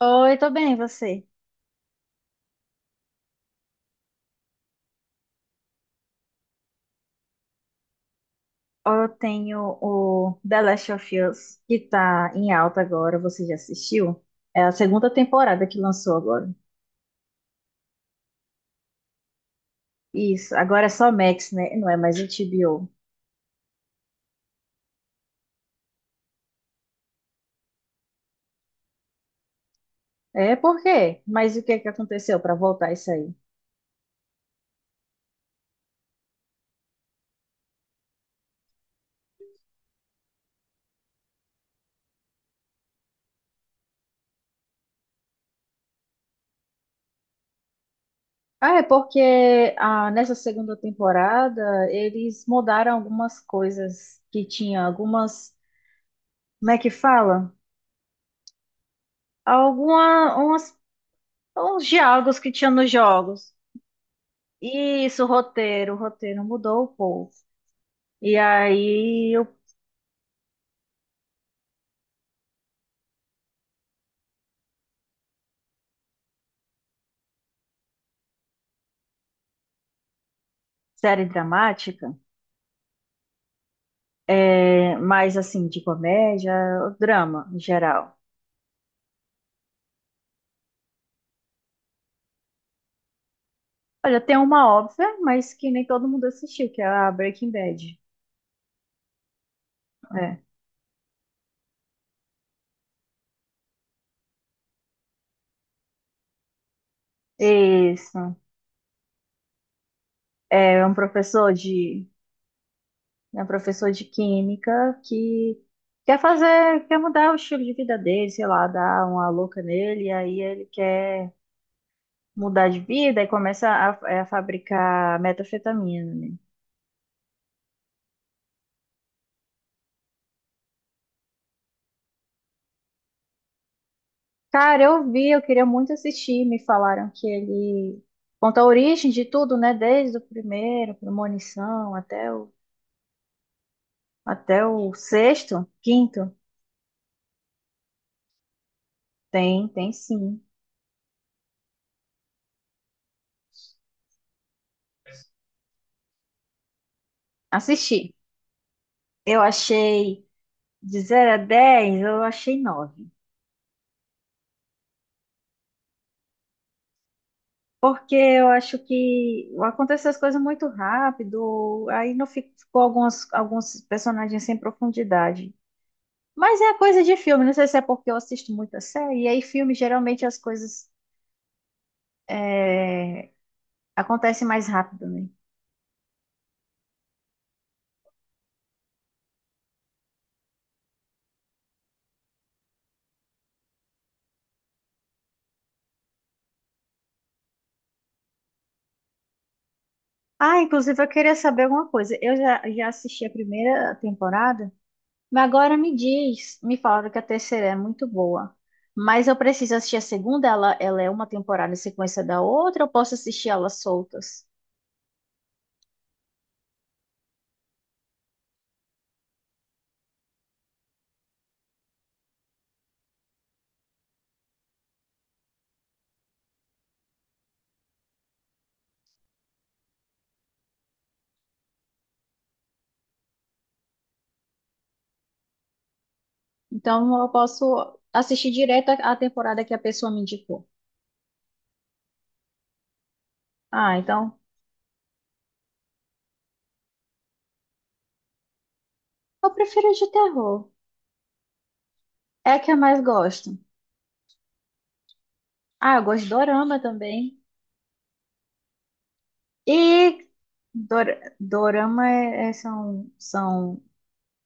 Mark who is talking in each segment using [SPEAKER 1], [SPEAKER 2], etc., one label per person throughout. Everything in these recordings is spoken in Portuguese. [SPEAKER 1] Oi, tô bem, e você? Eu tenho o The Last of Us, que tá em alta agora, você já assistiu? É a segunda temporada que lançou agora. Isso, agora é só Max, né? Não é mais HBO. É, por quê? Mas o que é que aconteceu pra voltar isso aí? Ah, é porque nessa segunda temporada eles mudaram algumas coisas que tinha, como é que fala? Alguma, umas, uns diálogos que tinha nos jogos. Isso, roteiro mudou o povo. E aí, eu, série dramática, mais assim, de comédia, drama em geral. Olha, tem uma óbvia, mas que nem todo mundo assistiu, que é a Breaking Bad. É. Isso. É um professor de, É um professor de química que quer mudar o estilo de vida dele, sei lá, dar uma louca nele, e aí ele quer mudar de vida e começa a fabricar metanfetamina, né? Cara, eu vi, eu queria muito assistir. Me falaram que ele conta a origem de tudo, né? Desde o primeiro, Premonição, até o sexto, quinto. Tem, tem sim. Assisti. Eu achei de 0 a 10, eu achei 9. Porque eu acho que aconteceu as coisas muito rápido, aí não ficou alguns personagens sem profundidade. Mas é coisa de filme, não sei se é porque eu assisto muita série, e aí filme geralmente as coisas é, acontece mais rápido, né? Ah, inclusive eu queria saber alguma coisa. Eu já assisti a primeira temporada, mas agora me falaram que a terceira é muito boa. Mas eu preciso assistir a segunda, ela é uma temporada em sequência da outra, eu posso assistir elas soltas. Então eu posso assistir direto a temporada que a pessoa me indicou. Ah, então eu prefiro de terror. É a que eu mais gosto. Ah, eu gosto de dorama também. E dor- dorama são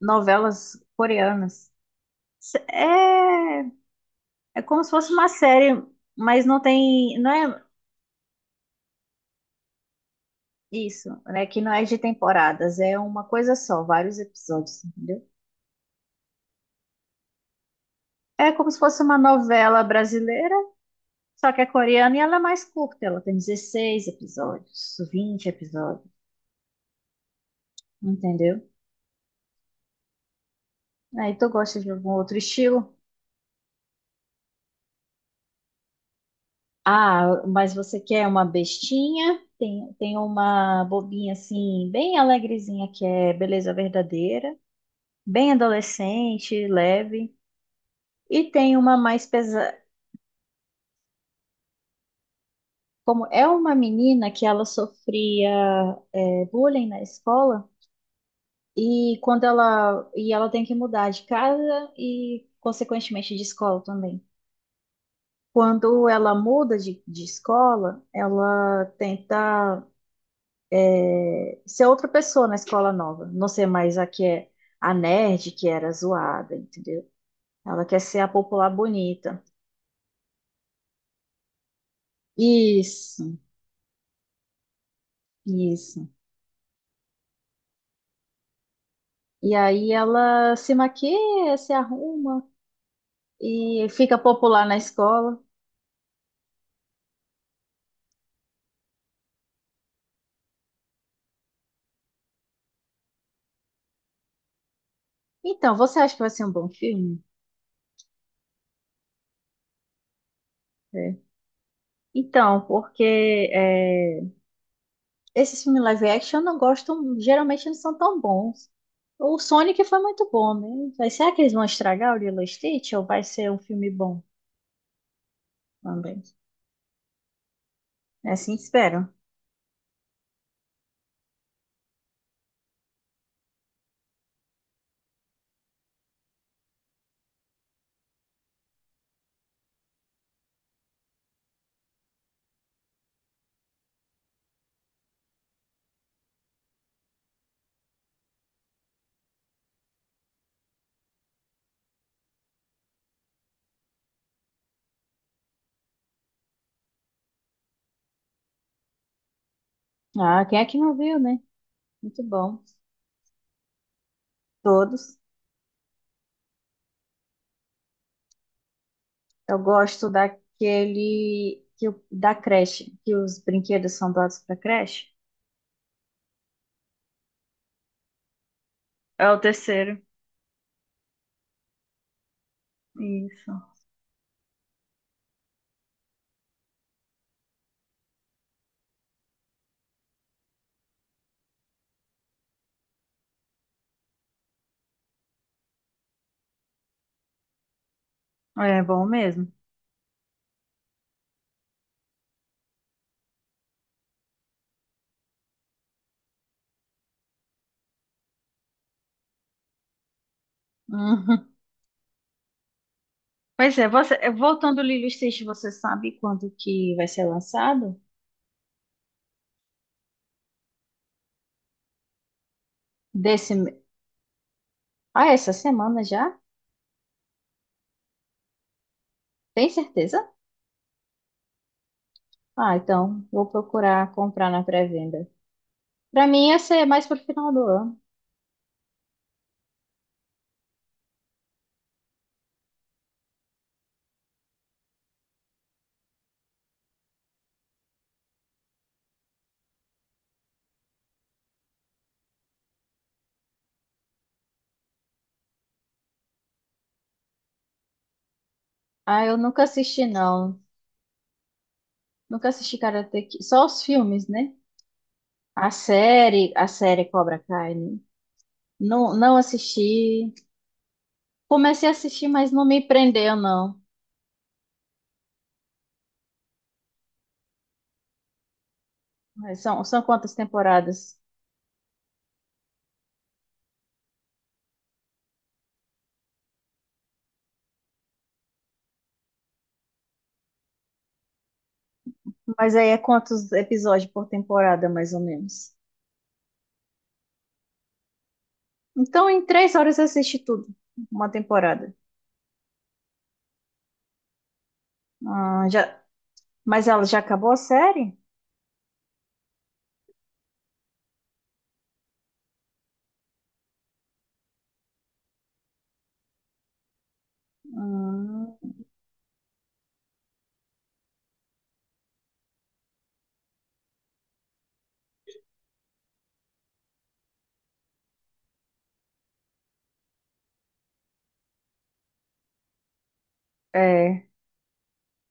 [SPEAKER 1] novelas coreanas. S- É, é como se fosse uma série, mas não é isso, né? Que não é de temporadas, é uma coisa só, vários episódios, entendeu? É como se fosse uma novela brasileira, só que é coreana e ela é mais curta, ela tem 16 episódios, 20 episódios, entendeu? Aí tu gosta de algum outro estilo? Ah, mas você quer uma bestinha? Tem uma bobinha assim, bem alegrezinha, que é Beleza Verdadeira, bem adolescente, leve. E tem uma mais pesada. Como é uma menina que ela sofria bullying na escola, e ela tem que mudar de casa e, consequentemente, de escola também. Quando ela muda de escola, ela tenta ser outra pessoa na escola nova. Não ser mais a que é a nerd que era zoada, entendeu? Ela quer ser a popular bonita. Isso, isso. E aí ela se maquia, se arruma e fica popular na escola. Então, você acha que vai ser um bom filme? É. Então, porque é, esses filmes live action eu não gostam, geralmente não são tão bons. O Sonic foi muito bom, né? Mas será que eles vão estragar o Lilo e Stitch ou vai ser um filme bom também? É assim, que espero. Ah, quem é que não viu, né? Muito bom. Todos. Eu gosto daquele que, da creche, que os brinquedos são doados para creche. É o terceiro. Isso. É bom mesmo. Uhum. Pois é, voltando Lilo e Stitch, você sabe quando que vai ser lançado? Desse, me- Essa semana já? Tem certeza? Ah, então vou procurar comprar na pré-venda. Pra mim ia ser mais pro final do ano. Ah, eu nunca assisti não. Nunca assisti Karate Kid. Só os filmes, né? A série Cobra Kai, né? Não, não assisti. Comecei a assistir, mas não me prendeu, não. Mas são quantas temporadas? Mas aí é quantos episódios por temporada, mais ou menos. Então, em 3 horas eu assisti tudo. Uma temporada. Ah, já, mas ela já acabou a série? Hum, é.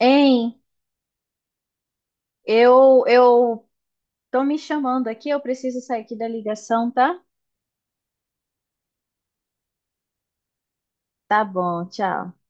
[SPEAKER 1] Hein, eu tô me chamando aqui, eu preciso sair aqui da ligação, tá? Tá bom, tchau.